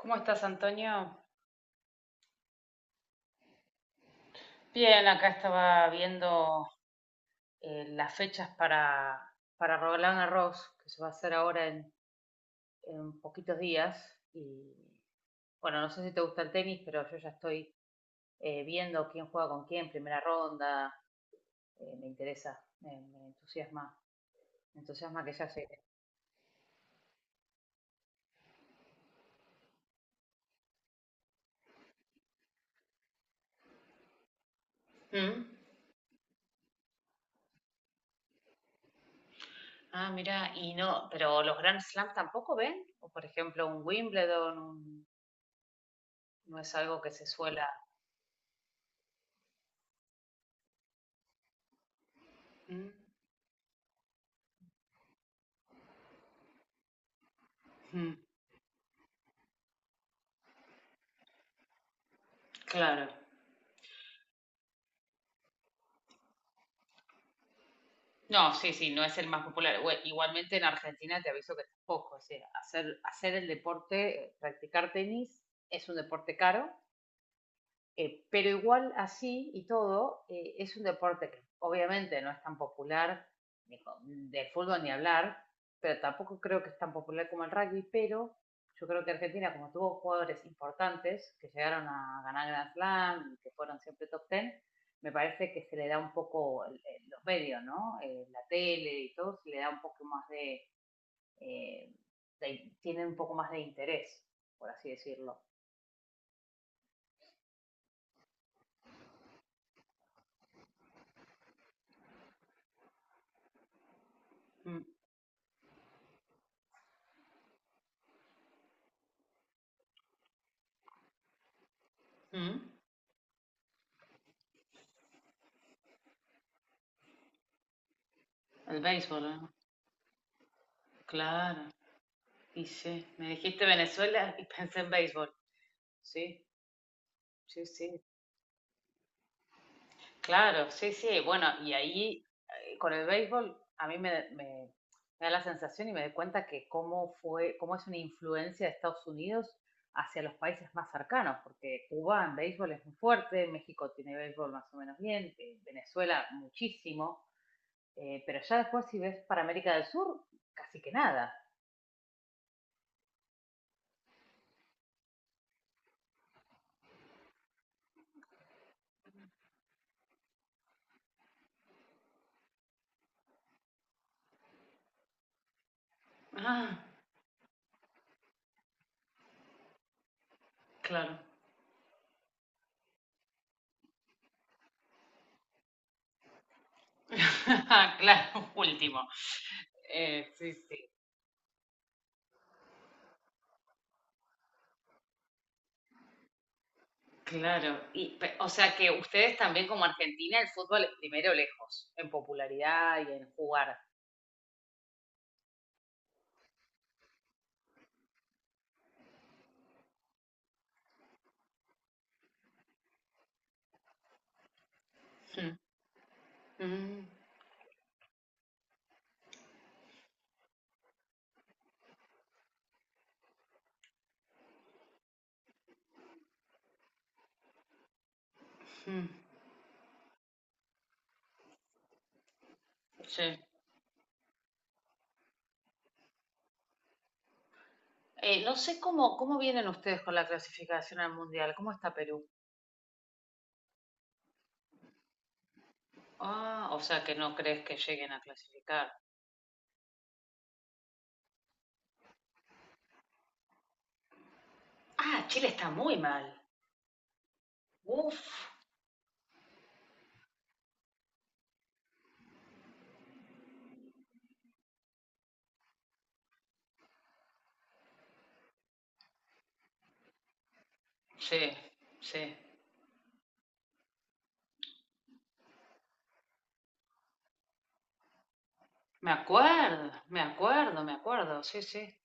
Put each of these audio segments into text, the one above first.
¿Cómo estás, Antonio? Bien, acá estaba viendo las fechas para Roland Garros, que se va a hacer ahora en poquitos días. Y bueno, no sé si te gusta el tenis, pero yo ya estoy viendo quién juega con quién, primera ronda. Me interesa, me entusiasma que ya se. Ah, mira, y no, pero los Grand Slams tampoco ven, o por ejemplo un Wimbledon, no es algo que se suela. Mm, mm, claro. No, sí, sí, no es el más popular. Igualmente en Argentina te aviso que tampoco. O sea, hacer el deporte, practicar tenis, es un deporte caro, pero igual así y todo, es un deporte que obviamente no es tan popular, ni co- del fútbol ni hablar, pero tampoco creo que es tan popular como el rugby, pero yo creo que Argentina, como tuvo jugadores importantes que llegaron a ganar Grand Slam y que fueron siempre top ten, me parece que se le da un poco los medios, ¿no? La tele y todo, se le da un poco más de, eh, tienen un poco más de interés, por así decirlo. Mm, mm. El béisbol, ¿eh? Claro, y sí, me dijiste Venezuela y pensé en béisbol, sí, sí, sí, claro, sí, sí, bueno, y ahí con el béisbol a mí me da la sensación y me doy cuenta que cómo fue, cómo es una influencia de Estados Unidos hacia los países más cercanos, porque Cuba en béisbol es muy fuerte, México tiene béisbol más o menos bien, Venezuela muchísimo, pero ya después si ves para América del Sur, casi que nada. Ah, claro. Claro, último. Sí, sí, claro. Y, o sea que ustedes también como Argentina el fútbol es primero lejos, en popularidad y en jugar. Mm, mm, mm, sí. No sé cómo, cómo vienen ustedes con la clasificación al Mundial, ¿cómo está Perú? Ah, o sea que no crees que lleguen a clasificar. Ah, Chile está muy mal. Uf, sí, sí. Me acuerdo, me acuerdo, me acuerdo, sí, sí.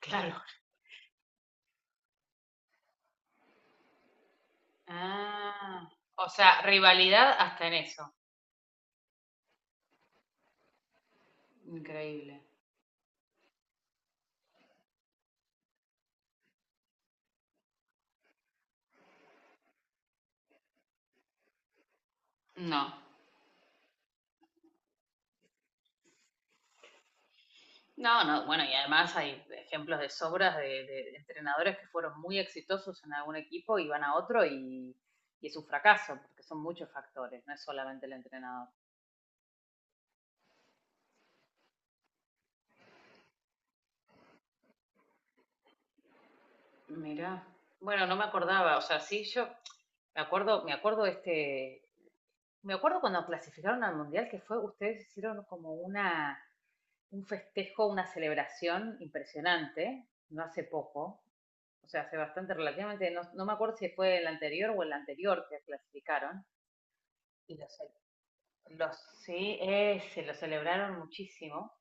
Claro. Ah, o sea, rivalidad hasta en eso. Increíble. No. No, no, bueno, y además hay ejemplos de sobras de entrenadores que fueron muy exitosos en algún equipo y van a otro y es un fracaso, porque son muchos factores, no es solamente el entrenador. Mira, bueno, no me acordaba, o sea, sí, yo me acuerdo este, me acuerdo cuando clasificaron al mundial que fue, ustedes hicieron como una, un festejo, una celebración impresionante, no hace poco, o sea, hace bastante relativamente, no, no me acuerdo si fue el anterior o el anterior que clasificaron, y los sí, se lo celebraron muchísimo.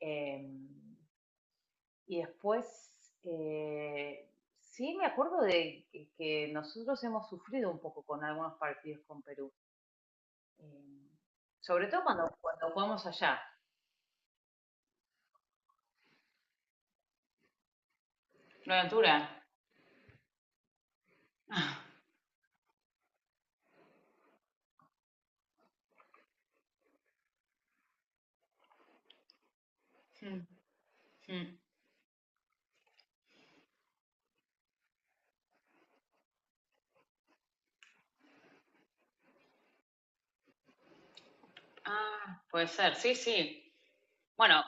Eh, y después, sí me acuerdo que nosotros hemos sufrido un poco con algunos partidos con Perú, eh, sobre todo cuando jugamos allá. Floriantura. Mm, mm. Ah, puede ser, sí, sí. Bueno,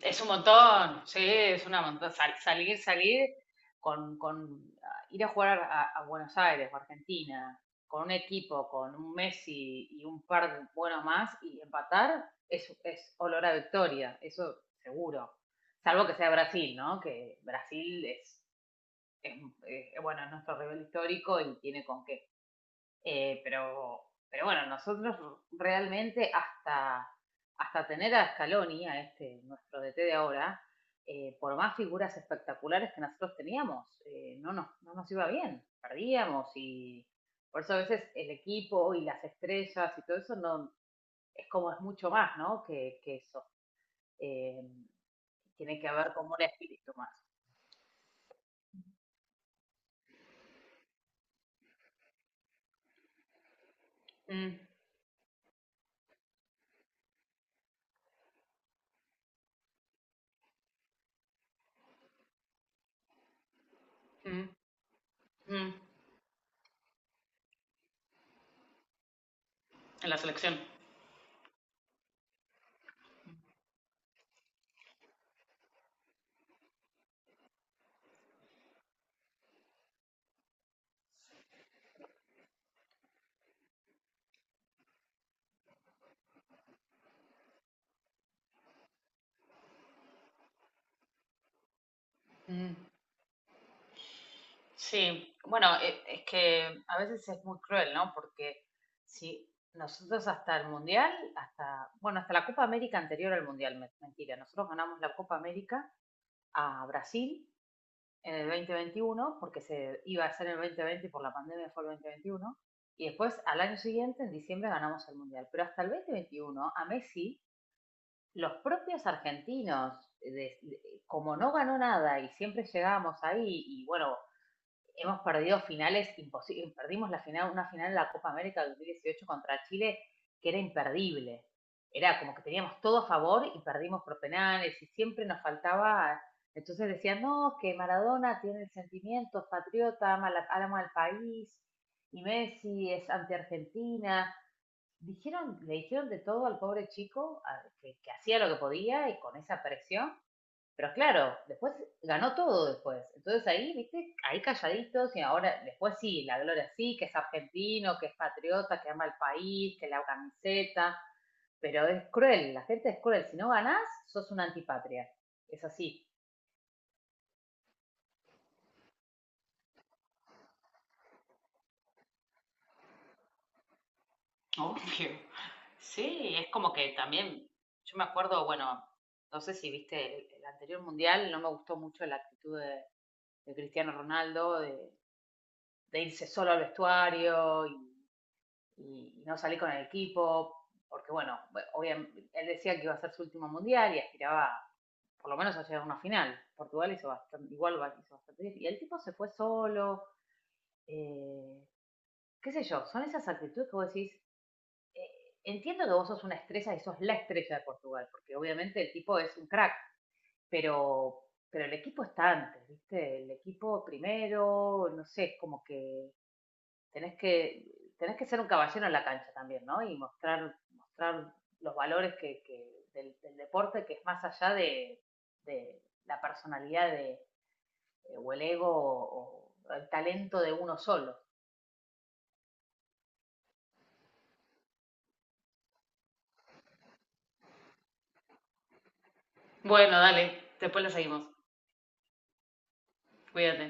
es un montón, sí, es una montón. Salir, salir con ah, ir a jugar a Buenos Aires o Argentina, con un equipo, con un Messi y un par de buenos más y empatar, es olor a victoria, eso seguro. Salvo que sea Brasil, ¿no? Que Brasil es, bueno, es nuestro rival histórico y tiene con qué. Pero bueno, nosotros realmente hasta, hasta tener a Scaloni, a este, nuestro DT de ahora, por más figuras espectaculares que nosotros teníamos, no, nos, no nos iba bien, perdíamos y por eso a veces el equipo y las estrellas y todo eso no, es como es mucho más, ¿no? Que eso. Eh, tiene que haber como un espíritu más. Mm, mm, mm. En la selección. Mm. Sí, bueno, es que a veces es muy cruel, ¿no? Porque si nosotros hasta el Mundial, hasta, bueno, hasta la Copa América anterior al Mundial, mentira, nosotros ganamos la Copa América a Brasil en el 2021, porque se iba a hacer en el 2020 y por la pandemia fue el 2021, y después al año siguiente, en diciembre, ganamos el Mundial. Pero hasta el 2021 a Messi, los propios argentinos, como no ganó nada y siempre llegábamos ahí, y bueno hemos perdido finales imposibles. Perdimos la final, una final de la Copa América del 2018 contra Chile que era imperdible. Era como que teníamos todo a favor y perdimos por penales y siempre nos faltaba. Entonces decían, no, que Maradona tiene sentimientos, patriota, ama, la, ama al país y Messi es anti-Argentina. Dijeron, le dijeron de todo al pobre chico a, que hacía lo que podía y con esa presión pero claro, después ganó todo después. Entonces ahí, viste, ahí calladitos y ahora después sí, la Gloria sí, que es argentino, que es patriota, que ama el país, que la camiseta, pero es cruel, la gente es cruel. Si no ganás, sos una antipatria. Es así. Obvio. Sí, es como que también, yo me acuerdo, bueno, no sé si viste el anterior mundial, no me gustó mucho la actitud de Cristiano Ronaldo, de irse solo al vestuario y no salí con el equipo, porque bueno, obviamente, él decía que iba a ser su último mundial y aspiraba por lo menos a llegar a una final. Portugal hizo bastante, igual hizo bastante bien. Y el tipo se fue solo, eh, qué sé yo, son esas actitudes que vos decís, entiendo que vos sos una estrella y sos la estrella de Portugal, porque obviamente el tipo es un crack, pero, pero el equipo está antes, ¿viste? El equipo primero, no sé, es como que tenés que, tenés que ser un caballero en la cancha también, ¿no? Y mostrar, mostrar los valores que deporte que es más allá de la personalidad de, o el ego o el talento de uno solo. Bueno, después lo seguimos. Cuídate.